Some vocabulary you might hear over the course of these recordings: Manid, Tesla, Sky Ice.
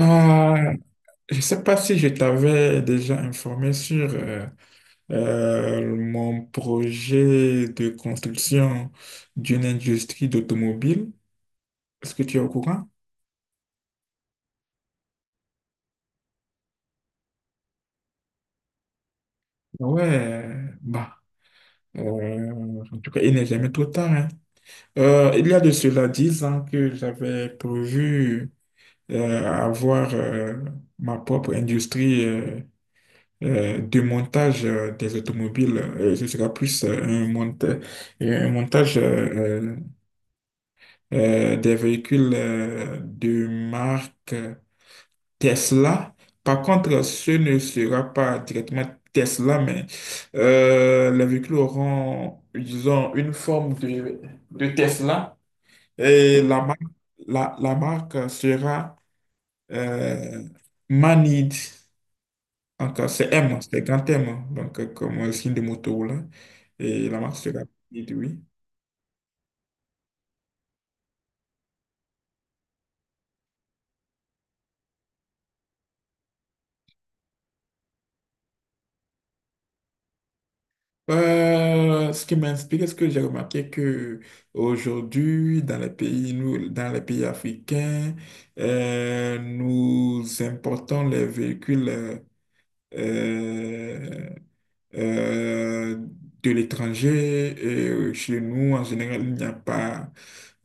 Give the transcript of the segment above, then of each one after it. Ah, je ne sais pas si je t'avais déjà informé sur mon projet de construction d'une industrie d'automobile. Est-ce que tu es au courant? Ouais, bah, euh, en tout cas, il n'est jamais trop tard, hein. Il y a de cela 10 ans que j'avais prévu avoir ma propre industrie du montage des automobiles. Euh, ce sera plus un montage des véhicules de marque Tesla. Par contre, ce ne sera pas directement Tesla, mais les véhicules auront, disons, une forme de Tesla, et la marque, la marque sera euh, Manid. Encore, c'est M, c'est grand M, hein, donc comme le signe de moto là. Et la marque sera petite, oui. Ce qui m'inspire, ce que j'ai remarqué, que aujourd'hui, dans les pays, nous, dans les pays africains, nous importons les véhicules euh, euh, de l'étranger. Et chez nous, en général, il n'y a pas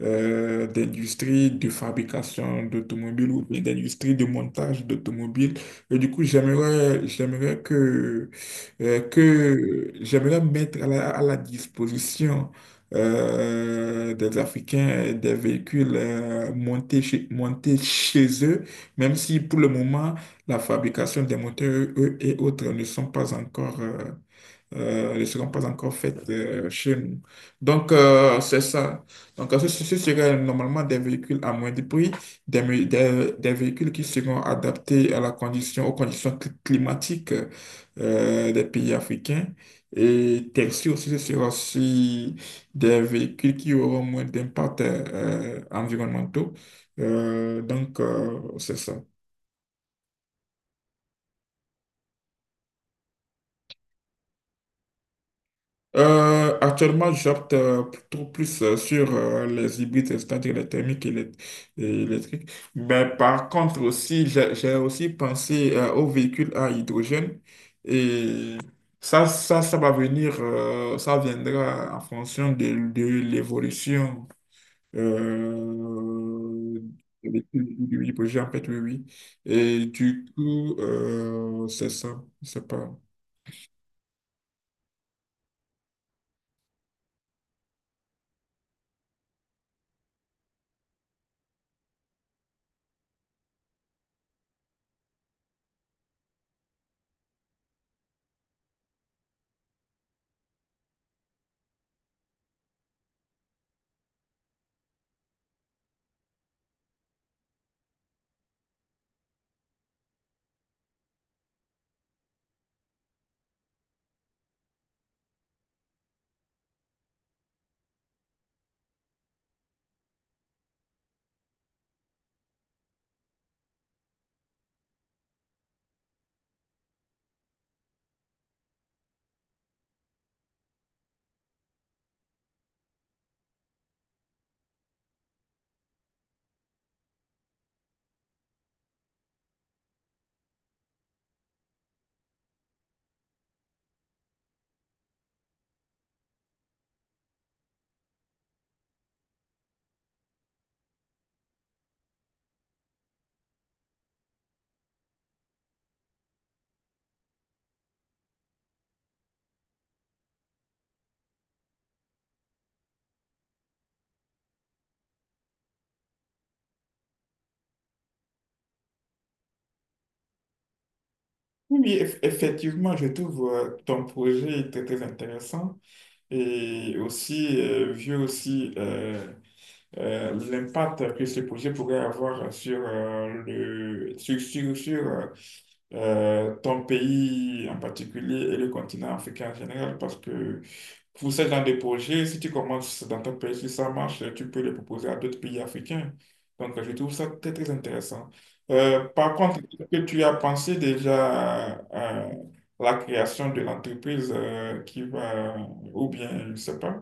d'industrie de fabrication d'automobiles ou bien d'industrie de montage d'automobiles. Et du coup, j'aimerais que, j'aimerais mettre à la disposition des Africains des véhicules montés chez eux, même si pour le moment, la fabrication des moteurs, eux et autres, ne sont pas encore ne seront pas encore faites chez nous. Donc, c'est ça. Donc, ce serait normalement des véhicules à moindre prix, des véhicules qui seront adaptés à la condition, aux conditions climatiques des pays africains. Et taxi aussi, ce sera aussi des véhicules qui auront moins d'impact environnementaux. C'est ça. Actuellement, j'opte plutôt plus sur les hybrides, c'est-à-dire les thermiques et les, et électriques. Mais par contre aussi, j'ai aussi pensé aux véhicules à hydrogène, et ça va venir. Euh, ça viendra en fonction de l'évolution euh, du projet, en fait. Oui, oui. Et du coup, c'est ça, je sais pas. Oui, effectivement, je trouve ton projet très, très intéressant, et aussi, vu aussi l'impact que ce projet pourrait avoir sur, ton pays en particulier et le continent africain en général, parce que pour ce genre de projet, si tu commences dans ton pays, si ça marche, tu peux le proposer à d'autres pays africains. Donc, je trouve ça très, très intéressant. Par contre, est-ce que tu as pensé déjà la création de l'entreprise qui va, ou bien, je ne sais pas.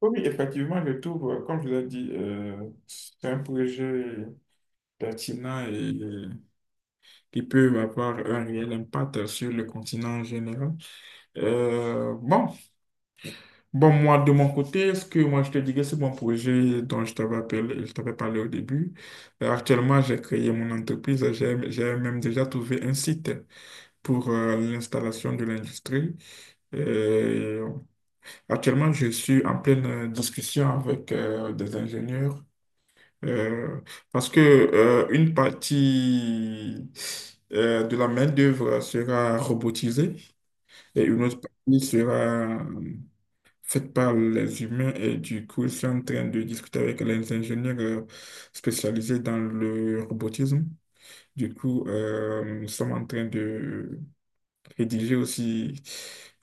Oui, oui, effectivement, je trouve, comme je l'ai dit, c'est un projet pertinent et qui peut avoir un réel impact sur le continent en général. Euh, bon, Bon, moi, de mon côté, ce que moi je te dirais, c'est mon projet dont je t'avais parlé au début. Actuellement, j'ai créé mon entreprise. J'ai même déjà trouvé un site pour l'installation de l'industrie. Euh, Actuellement, je suis en pleine discussion avec des ingénieurs, euh, parce que une partie de la main-d'œuvre sera robotisée et une autre partie sera faites par les humains, et du coup, je suis en train de discuter avec les ingénieurs spécialisés dans le robotisme. Du coup, nous sommes en train de rédiger aussi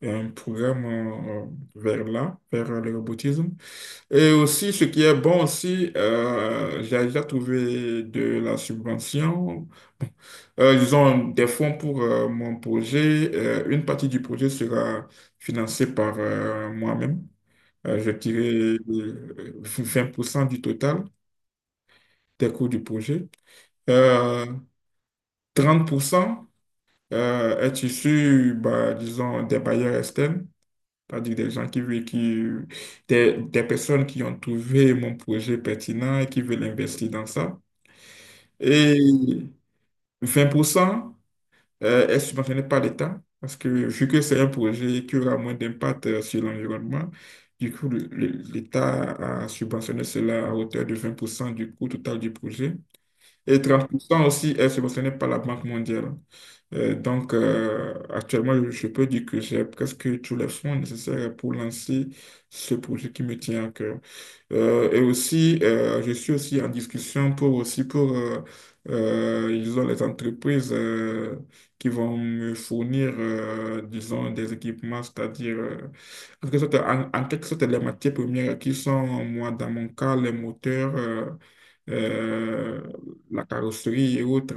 un programme vers là, vers le robotisme. Et aussi, ce qui est bon aussi, j'ai déjà trouvé de la subvention, ils ont des fonds pour mon projet. Une partie du projet sera financée par moi-même, je dirais 20% du total des coûts du projet. Euh, 30% est issu, bah, disons, des bailleurs externes, c'est-à-dire des gens qui, veulent- qui des personnes qui ont trouvé mon projet pertinent et qui veulent investir dans ça. Et 20% est subventionné par l'État, parce que vu que c'est un projet qui aura moins d'impact sur l'environnement, du coup, l'État a subventionné cela à hauteur de 20% du coût total du projet. Et 30% aussi est subventionné par la Banque mondiale. Actuellement, je peux dire que j'ai presque tous les fonds nécessaires pour lancer ce projet qui me tient à cœur. Et aussi, je suis aussi en discussion pour aussi pour ils ont les entreprises qui vont me fournir, disons, des équipements, c'est-à-dire en quelque sorte, les matières premières qui sont, moi, dans mon cas, les moteurs, euh, la carrosserie et autres.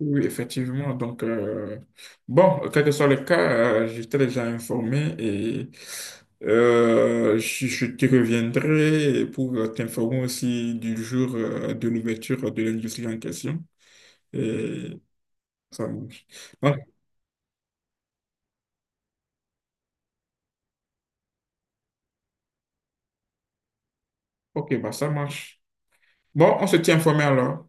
Oui, effectivement. Donc, quel que soit le cas, j'étais déjà informé, et je te reviendrai pour t'informer aussi du jour de l'ouverture de l'industrie en question. Et ça marche. Donc, ok, bah, ça marche. Bon, on se tient informé alors.